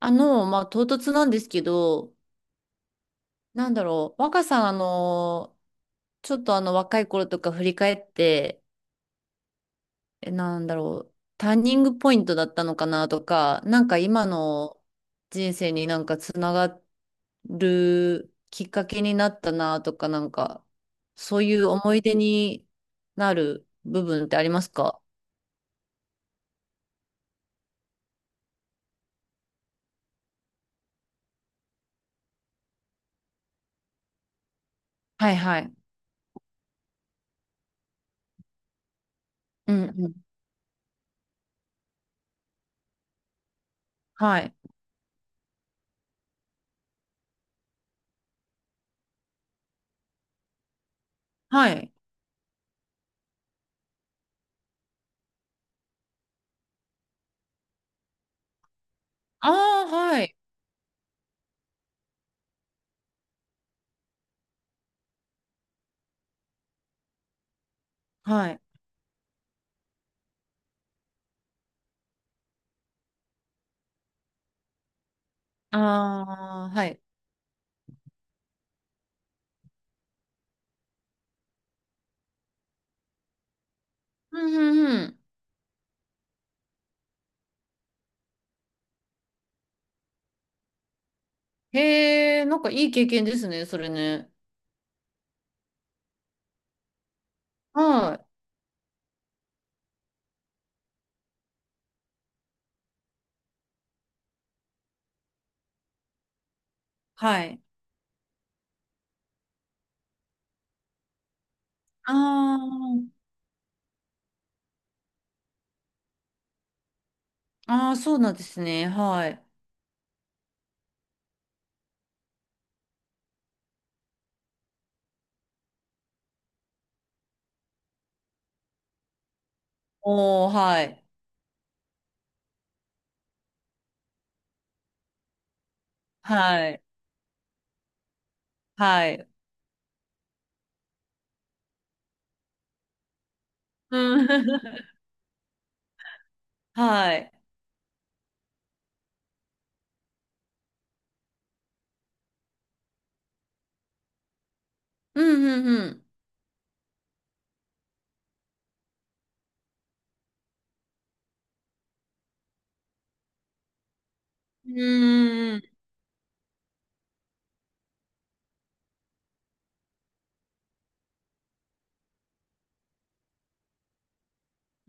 唐突なんですけど、若さん、あの、ちょっとあの、若い頃とか振り返って、えなんだろう、ターニングポイントだったのかなとか、今の人生につながるきっかけになったなとか、そういう思い出になる部分ってありますか？はいはい。うんうん。はい。はい。ああ、はい。はい。ああ、はい。うんうんうん。へえ、なんかいい経験ですね、それね。はい。はい。ああ、ああ、そうなんですね。はい。おー、はい。はい。はい。うん。はい。うん、うん、うん。うーん。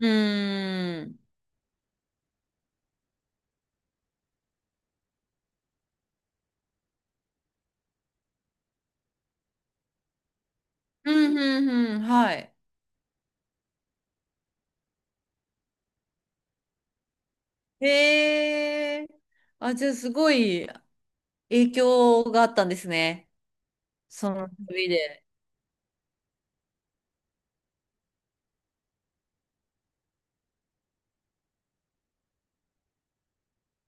うーん。うん、うん、うん。はい。へえ。あ、じゃあ、すごい影響があったんですね。その旅で。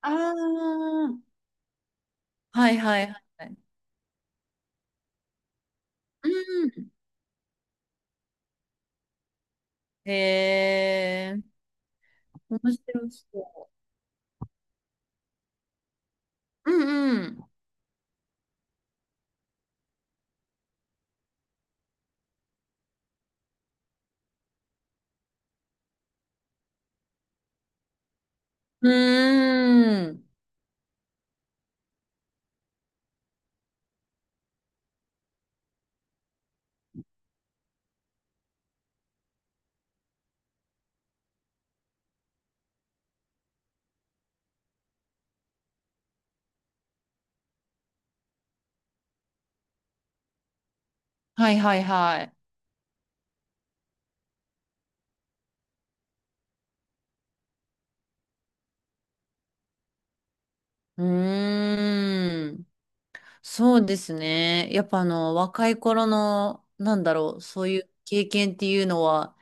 ああ、はい、はい、はい。うん。へえ。面白そう。うんうん。うーん。はいはいはい。うーん。そうですね。やっぱ若い頃の、そういう経験っていうのは、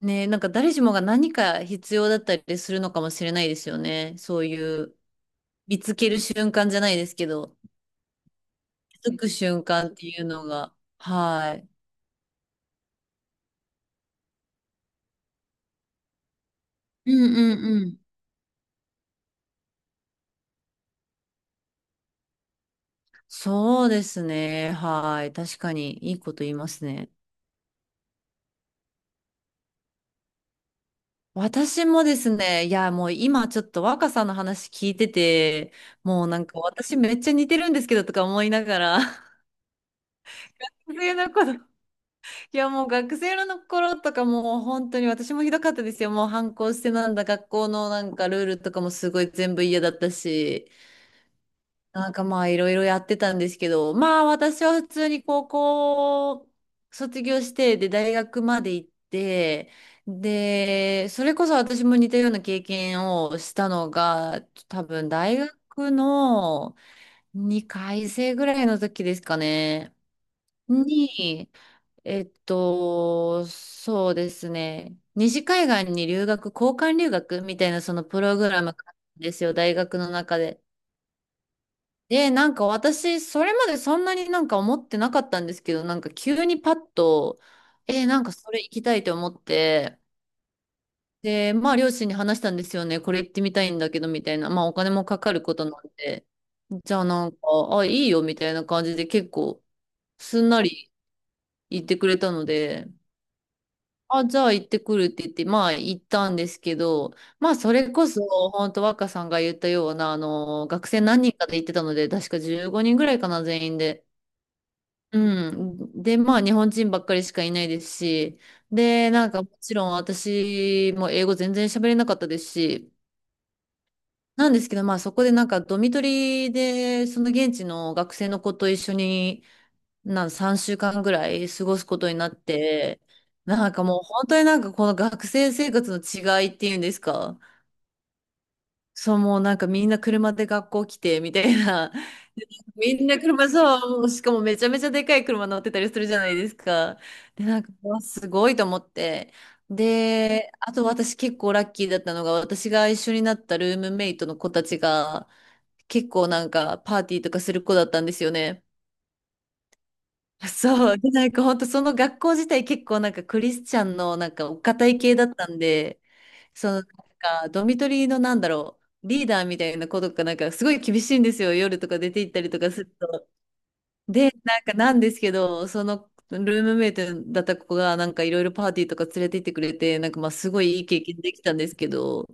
ね、なんか誰しもが何か必要だったりするのかもしれないですよね。そういう、見つける瞬間じゃないですけど、気づく瞬間っていうのが。はい。うんうんうん。そうですね。はい。確かに、いいこと言いますね。私もですね、いや、もう今ちょっと若さんの話聞いてて、もうなんか私めっちゃ似てるんですけどとか思いながら、学生の頃、いやもう学生の頃とかもう本当に私もひどかったですよ。もう反抗してなんだ、学校のなんかルールとかもすごい全部嫌だったし。なんかまあいろいろやってたんですけど、まあ私は普通に高校卒業して、で大学まで行って、で、それこそ私も似たような経験をしたのが、多分大学の2回生ぐらいの時ですかね。に、えっと、そうですね。西海岸に留学、交換留学みたいなそのプログラムがあるんですよ、大学の中で。で、なんか私、それまでそんなになんか思ってなかったんですけど、なんか急にパッと、なんかそれ行きたいと思って、で、まあ両親に話したんですよね、これ行ってみたいんだけど、みたいな、まあお金もかかることなんで、じゃあなんか、あ、いいよ、みたいな感じで結構、すんなり言ってくれたので、あ、じゃあ行ってくるって言って、まあ行ったんですけど、まあそれこそ、本当若さんが言ったような、学生何人かで行ってたので、確か15人ぐらいかな、全員で。うん。で、まあ、日本人ばっかりしかいないですし、で、なんか、もちろん私も英語全然喋れなかったですし、なんですけど、まあ、そこでなんか、ドミトリで、その現地の学生の子と一緒に、3週間ぐらい過ごすことになって、なんかもう、本当になんか、この学生生活の違いっていうんですか、そう、もうなんか、みんな車で学校来て、みたいな、みんな車、そう、しかもめちゃめちゃでかい車乗ってたりするじゃないですか。で、なんか、うわすごいと思って。で、あと私結構ラッキーだったのが、私が一緒になったルームメイトの子たちが、結構なんかパーティーとかする子だったんですよね。そう。で、なんか本当その学校自体結構なんかクリスチャンのなんかお堅い系だったんで、そのドミトリーのリーダーみたいな子とかなんかすごい厳しいんですよ。夜とか出て行ったりとかすると。で、なんかなんですけど、そのルームメイトだった子がなんかいろいろパーティーとか連れて行ってくれて、なんかまあすごいいい経験できたんですけど、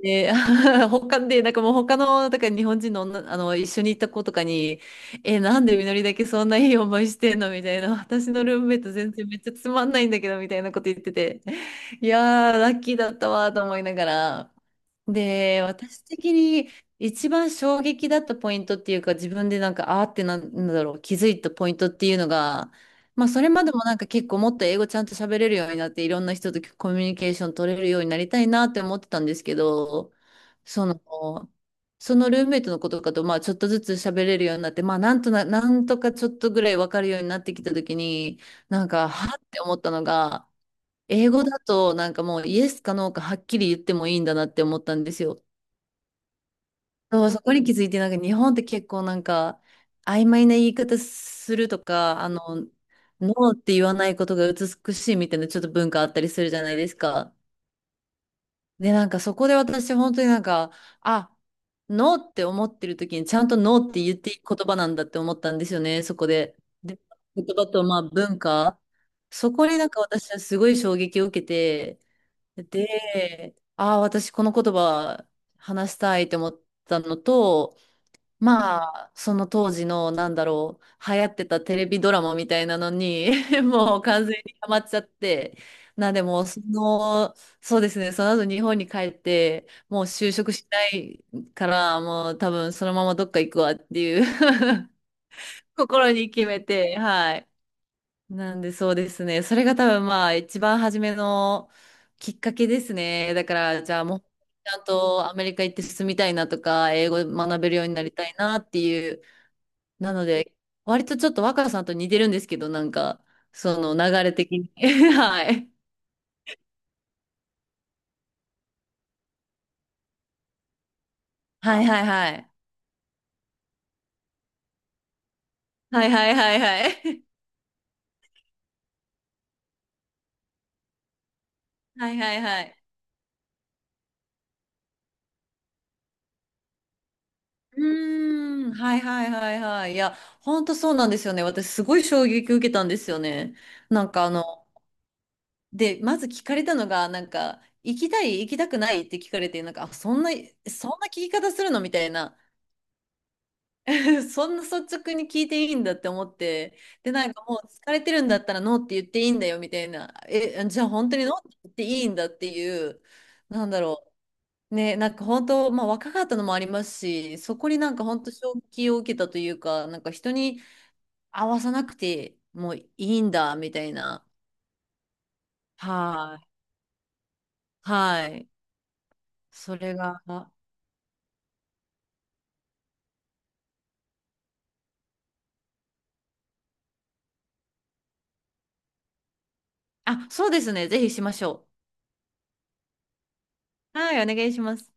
で、他で、なんかもう他の、だから日本人の女、一緒に行った子とかに、え、なんでみのりだけそんないい 思いしてんのみたいな、私のルームメイト全然めっちゃつまんないんだけど、みたいなこと言ってて、いやー、ラッキーだったわと思いながら、で、私的に一番衝撃だったポイントっていうか、自分でなんか、あーってなんなんだろう、気づいたポイントっていうのが、まあ、それまでもなんか結構もっと英語ちゃんと喋れるようになって、いろんな人とコミュニケーション取れるようになりたいなって思ってたんですけど、その、そのルームメイトの子とかと、まあ、ちょっとずつ喋れるようになって、まあ、なんとかちょっとぐらいわかるようになってきたときに、なんか、はって思ったのが、英語だとなんかもうイエスかノーかはっきり言ってもいいんだなって思ったんですよ。そうそこに気づいてなんか日本って結構なんか曖昧な言い方するとか、ノーって言わないことが美しいみたいなちょっと文化あったりするじゃないですか。で、なんかそこで私本当になんか、あ、ノーって思ってる時にちゃんとノーって言っていい言葉なんだって思ったんですよね、そこで。で、言葉とまあ文化。そこになんか私はすごい衝撃を受けて、で、ああ、私この言葉話したいって思ったのと、まあ、その当時の、流行ってたテレビドラマみたいなのに もう完全にハマっちゃって、なんでもう、そうですね、その後日本に帰って、もう就職しないから、もう多分そのままどっか行くわっていう 心に決めて、はい。なんでそうですね。それが多分まあ一番初めのきっかけですね。だからじゃあもうちゃんとアメリカ行って進みたいなとか、英語学べるようになりたいなっていう。なので、割とちょっと若さんと似てるんですけど、なんか、その流れ的に。はい。はいはいはい。はいはいはいはい。はいはいはい。うーん。はいはいはいはい。いや、ほんとそうなんですよね。私すごい衝撃受けたんですよね。なんかあの、で、まず聞かれたのが、なんか、行きたい、行きたくないって聞かれて、なんか、あ、そんな聞き方するのみたいな、そんな率直に聞いていいんだって思って、で、なんかもう疲れてるんだったらノーって言っていいんだよみたいな、え、じゃあ本当にノーって言っていいんだっていう、なんだろう。ね、なんか本当、まあ若かったのもありますし、そこになんか本当衝撃を受けたというか、なんか人に合わさなくてもいいんだみたいな。はい。はい。それが。あ、そうですね。ぜひしましょう。はい、お願いします。